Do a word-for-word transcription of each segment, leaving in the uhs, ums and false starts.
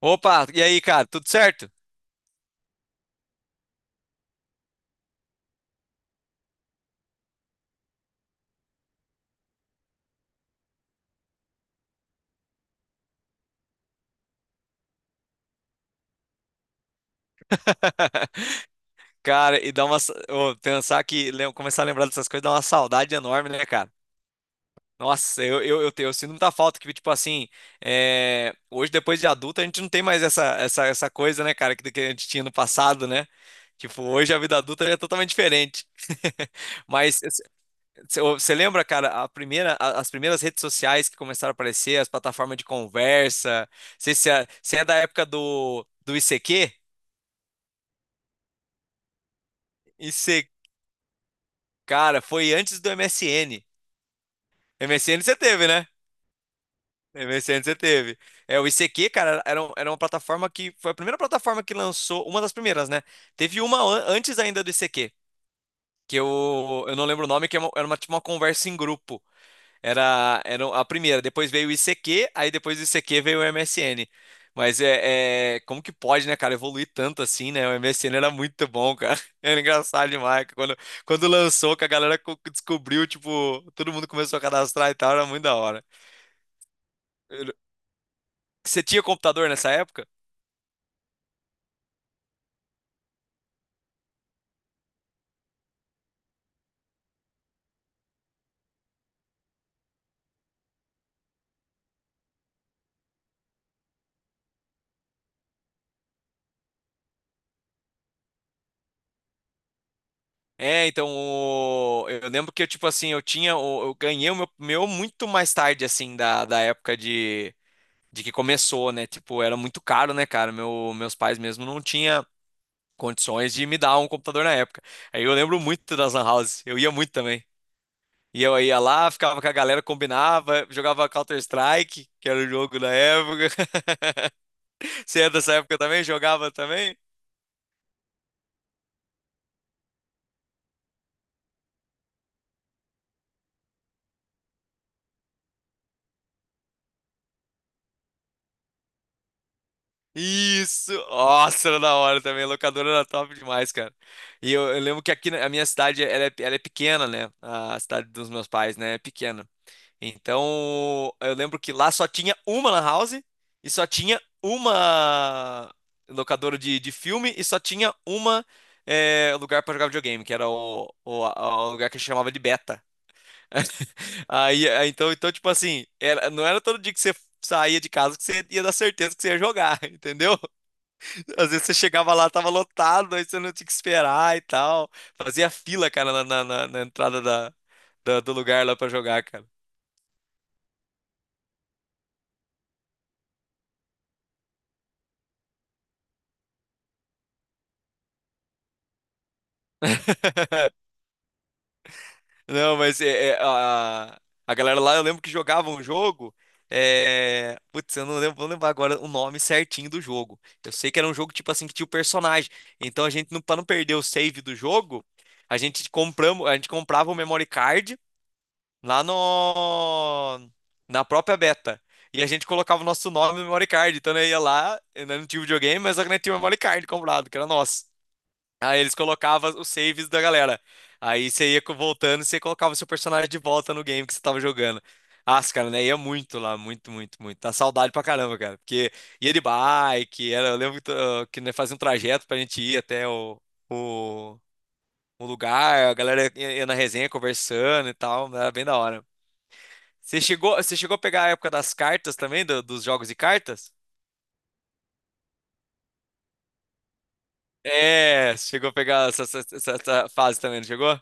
Opa, e aí, cara, tudo certo? Cara, e dá uma. Sa- ô, pensar que. lem- Começar a lembrar dessas coisas dá uma saudade enorme, né, cara? Nossa, eu, eu, eu, te- eu sinto muita falta que, tipo assim. É, hoje, depois de adulto, a gente não tem mais essa, essa, essa coisa, né, cara, que, que a gente tinha no passado, né? Tipo, hoje a vida adulta é totalmente diferente. Mas você lembra, cara, a primeira, a- as primeiras redes sociais que começaram a aparecer, as plataformas de conversa? Você é, cê é da época do, do I C I C Q? Cara, foi antes do MSN. MSN você teve, né? MSN você teve. É, o I C Q, cara, era, um- era uma plataforma que foi a primeira plataforma que lançou, uma das primeiras, né? Teve uma an- antes ainda do I C Q, que eu, eu não lembro o nome, que era uma, era uma- tipo uma conversa em grupo. Era, era a primeira, depois veio o I C Q, aí depois do I C Q veio o M S N. Mas é, é- como que pode, né, cara, evoluir tanto assim, né? O M S N era muito bom, cara. Era engraçado demais que Quando, quando lançou, que a galera co- descobriu, tipo, todo mundo começou a cadastrar e tal, era muito da hora. Eu- Você tinha computador nessa época? É, então, o- eu lembro que, eu, tipo assim, eu tinha, o- eu ganhei o meu, meu muito mais tarde, assim, da, da época de, de que começou, né? Tipo, era muito caro, né, cara? Meu, meus pais mesmo não tinha condições de me dar um computador na época. Aí eu lembro muito das lan houses, eu ia muito também. E eu ia lá, ficava com a galera, combinava, jogava Counter-Strike, que era o jogo da época. Você é dessa época também? Jogava também? Isso! Nossa, era da hora também. A locadora era top demais, cara. E eu, eu lembro que aqui na a minha cidade, ela é, ela é pequena, né? A cidade dos meus pais, né? É pequena. Então, eu lembro que lá só tinha uma lan house e só tinha uma locadora de, de filme e só tinha uma eh, lugar para jogar videogame, que era o, o, a- o lugar que a gente chamava de beta. Aí, aí, então, então, tipo assim, era- não era todo dia que você saía de casa que você ia dar certeza que você ia jogar, entendeu? Às vezes você chegava lá, tava lotado, aí você não tinha que esperar e tal. Fazia fila, cara, na, na, na- na entrada da, da- do lugar lá para jogar, cara. Não, mas é, é, a, a galera lá, eu lembro que jogava um jogo. É. Putz, eu não lembro, vou lembrar agora o nome certinho do jogo. Eu sei que era um jogo tipo assim que tinha o personagem. Então a gente, não, pra não perder o save do jogo, a gente compramos, a gente comprava o memory card lá no na própria beta. E a gente colocava o nosso nome no memory card. Então eu ia lá, eu não tinha videogame, mas a gente tinha o memory card comprado, que era nosso. Aí eles colocavam os saves da galera. Aí você ia co- voltando e você colocava seu personagem de volta no game que você tava jogando. Ah, cara, né? Ia muito lá, muito, muito, muito. Tá saudade pra caramba, cara. Porque ia de bike, era, eu lembro que, ah, que né, fazia um trajeto pra gente ir até o, o, o lugar, a galera ia, ia na resenha conversando e tal, era bem da hora. Você chegou, você chegou a pegar a época das cartas também, do- dos jogos de cartas? É, chegou a pegar essa, essa essa- essa fase também, não chegou?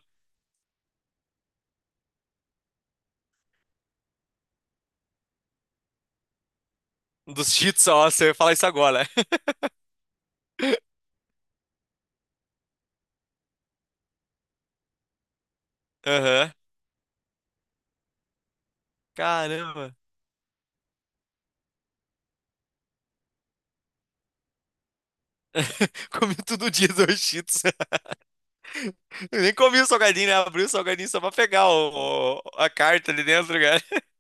Dos cheats, ó, você fala isso agora. Aham. Caramba. Comi todo dia dois Cheetos. Eu nem comi o salgadinho, né? Abri o salgadinho só pra pegar o, o- a carta ali dentro, cara.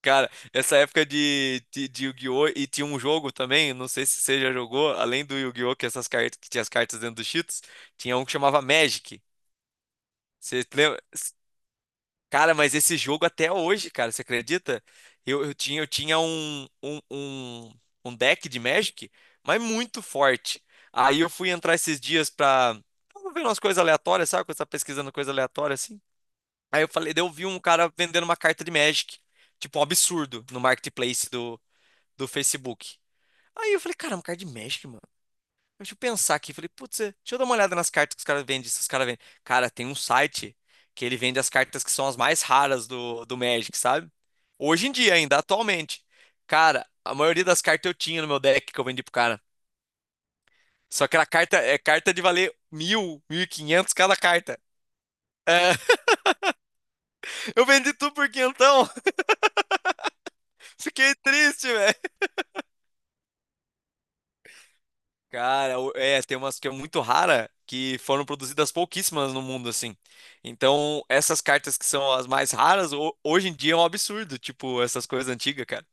Cara, essa época de, de, de Yu-Gi-Oh! E tinha um jogo também, não sei se você já jogou, além do Yu-Gi-Oh! Que essas cartas que tinha as cartas dentro dos Cheetos, tinha um que chamava Magic. Você lembra? Cara, mas esse jogo até hoje, cara, você acredita? Eu, eu tinha, eu tinha um, um, um, um deck de Magic, mas muito forte. Aí eu fui entrar esses dias pra, pra ver umas coisas aleatórias, sabe? Quando você tá pesquisando coisa aleatória assim. Aí eu falei, daí eu vi um cara vendendo uma carta de Magic, tipo um absurdo, no marketplace do, do Facebook. Aí eu falei, cara, uma carta de Magic, mano. Deixa eu pensar aqui. Falei, putz, é, deixa eu dar uma olhada nas cartas que os caras vendem. Se os caras vendem. Cara, tem um site que ele vende as cartas que são as mais raras do, do Magic, sabe? Hoje em dia ainda, atualmente. Cara, a maioria das cartas eu tinha no meu deck que eu vendi pro cara. Só que era carta, é carta de valer mil, mil e quinhentos cada carta. É, eu vendi tudo por quinhentão. Fiquei triste, velho. Cara, o- é, tem umas que é muito rara que foram produzidas pouquíssimas no mundo, assim. Então, essas cartas que são as mais raras, ho- hoje em dia é um absurdo, tipo, essas coisas antigas, cara.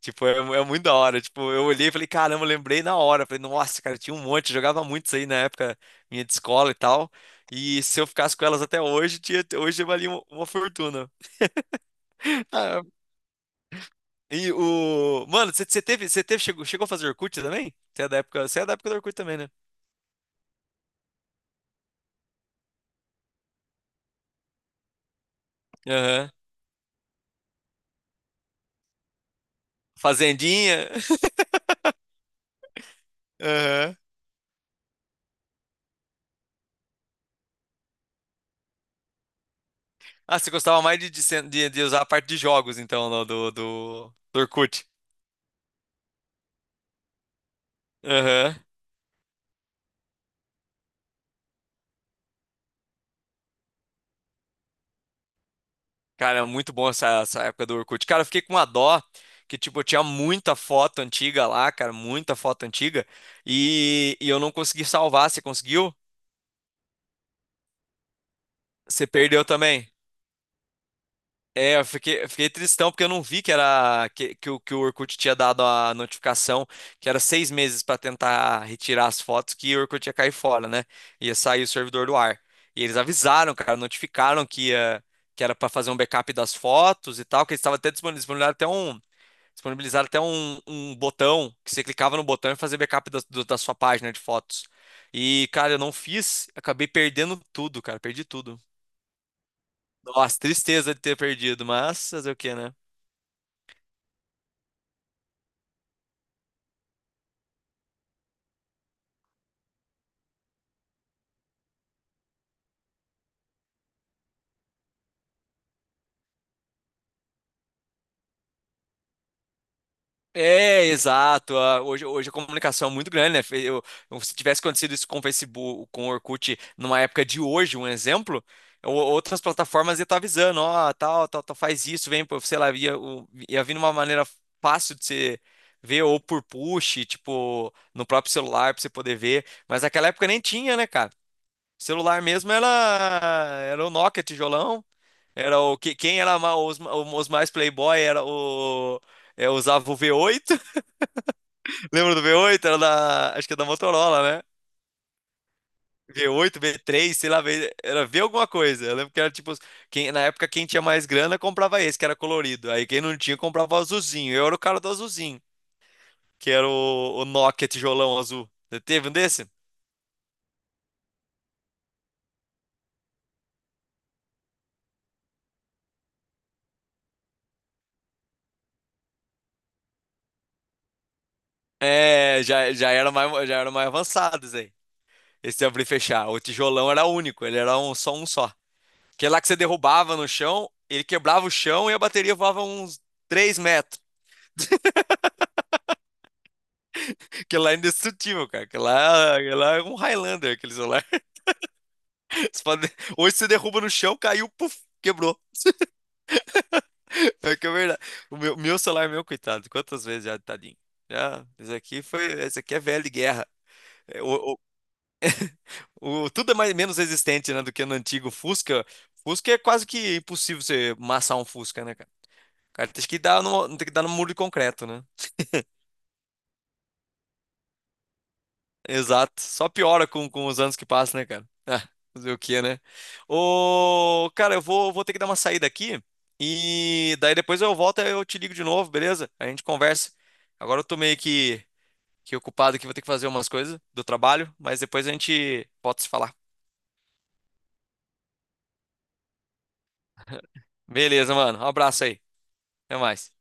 Tipo, é, mu- é muito da hora. Tipo, eu olhei e falei, caramba, eu lembrei na hora. Falei, nossa, cara, tinha um monte, eu jogava muito isso aí na época minha de escola e tal. E se eu ficasse com elas até hoje, tinha, hoje valia uma, uma fortuna. Ah, e o. mano, você você teve, você teve, chegou, chegou a fazer Orkut também? Você é da época, você é da época do Orkut também, né? Aham. Fazendinha. Aham. Ah, você gostava mais de, de, sen- de- de usar a parte de jogos, então, no- do, do, do Orkut. Aham. Cara, muito bom essa, essa época do Orkut. Cara, eu fiquei com uma dó que, tipo, eu tinha muita foto antiga lá, cara, muita foto antiga, e, e eu não consegui salvar. Você conseguiu? Você perdeu também. É, eu fiquei, eu fiquei tristão porque eu não vi que era que, que, o, que o Orkut tinha dado a notificação que era seis meses para tentar retirar as fotos que o Orkut ia cair fora, né? Ia sair o servidor do ar. E eles avisaram, cara, notificaram que ia, que era para fazer um backup das fotos e tal, que eles estavam até disponibilizaram até um disponibilizaram até um, um botão que você clicava no botão e fazia backup da, do- da sua página de fotos. E, cara, eu não fiz, acabei perdendo tudo, cara, perdi tudo. Nossa, tristeza de ter perdido, mas fazer o quê, né? É, exato. Ah, Hoje, hoje a comunicação é muito grande, né? Fe- Eu, eu- se tivesse acontecido isso com o Facebook, com o Orkut, numa época de hoje, um exemplo, o- outras plataformas iam estar avisando, ó, tal, tal, tal, faz isso, vem, pô, sei lá, ia, o- ia vir de uma maneira fácil de você ver, ou por push, tipo, no próprio celular, pra você poder ver. Mas naquela época nem tinha, né, cara? Celular mesmo era, era o Nokia, tijolão. Era o que quem era ma- os, os mais playboy era o é, usava o v oito. Lembra do V oito? Era da. Acho que é da Motorola, né? V oito, V três, sei lá, V- era V alguma coisa. Eu lembro que era tipo. Quem, na época, quem tinha mais grana comprava esse, que era colorido. Aí quem não tinha comprava o azulzinho. Eu era o cara do azulzinho, que era o, o Nokia tijolão azul. Você teve um desse? É, já, já era mais, já era mais avançados aí. Esse abrir e fechar. O tijolão era único, ele era um, só um só. Que é lá que você derrubava no chão, ele quebrava o chão e a bateria voava uns três metros. Aquele lá é indestrutível, cara. Aquele lá, aquele lá é um Highlander, aquele celular. Você pode. Hoje você derruba no chão, caiu, puf, quebrou. É que é verdade. O meu, meu celular, é meu, coitado. Quantas vezes já, tadinho? Já, esse aqui foi, esse aqui é velho de guerra. É, O, o- o- tudo é mais, menos resistente, né, do que no antigo Fusca. Fusca é quase que impossível você massar um Fusca, né, cara? Cara, tem que dar no, tem que dar no muro de concreto, né? Exato. Só piora com, com os anos que passam, né, cara? Ah, fazer o quê, né? Ô, cara, eu vou, vou ter que dar uma saída aqui. E daí depois eu volto e eu te ligo de novo, beleza? A gente conversa. Agora eu tô meio que, que ocupado aqui, vou ter que fazer umas coisas do trabalho, mas depois a gente volta a se falar. Beleza, mano. Um abraço aí. Até mais.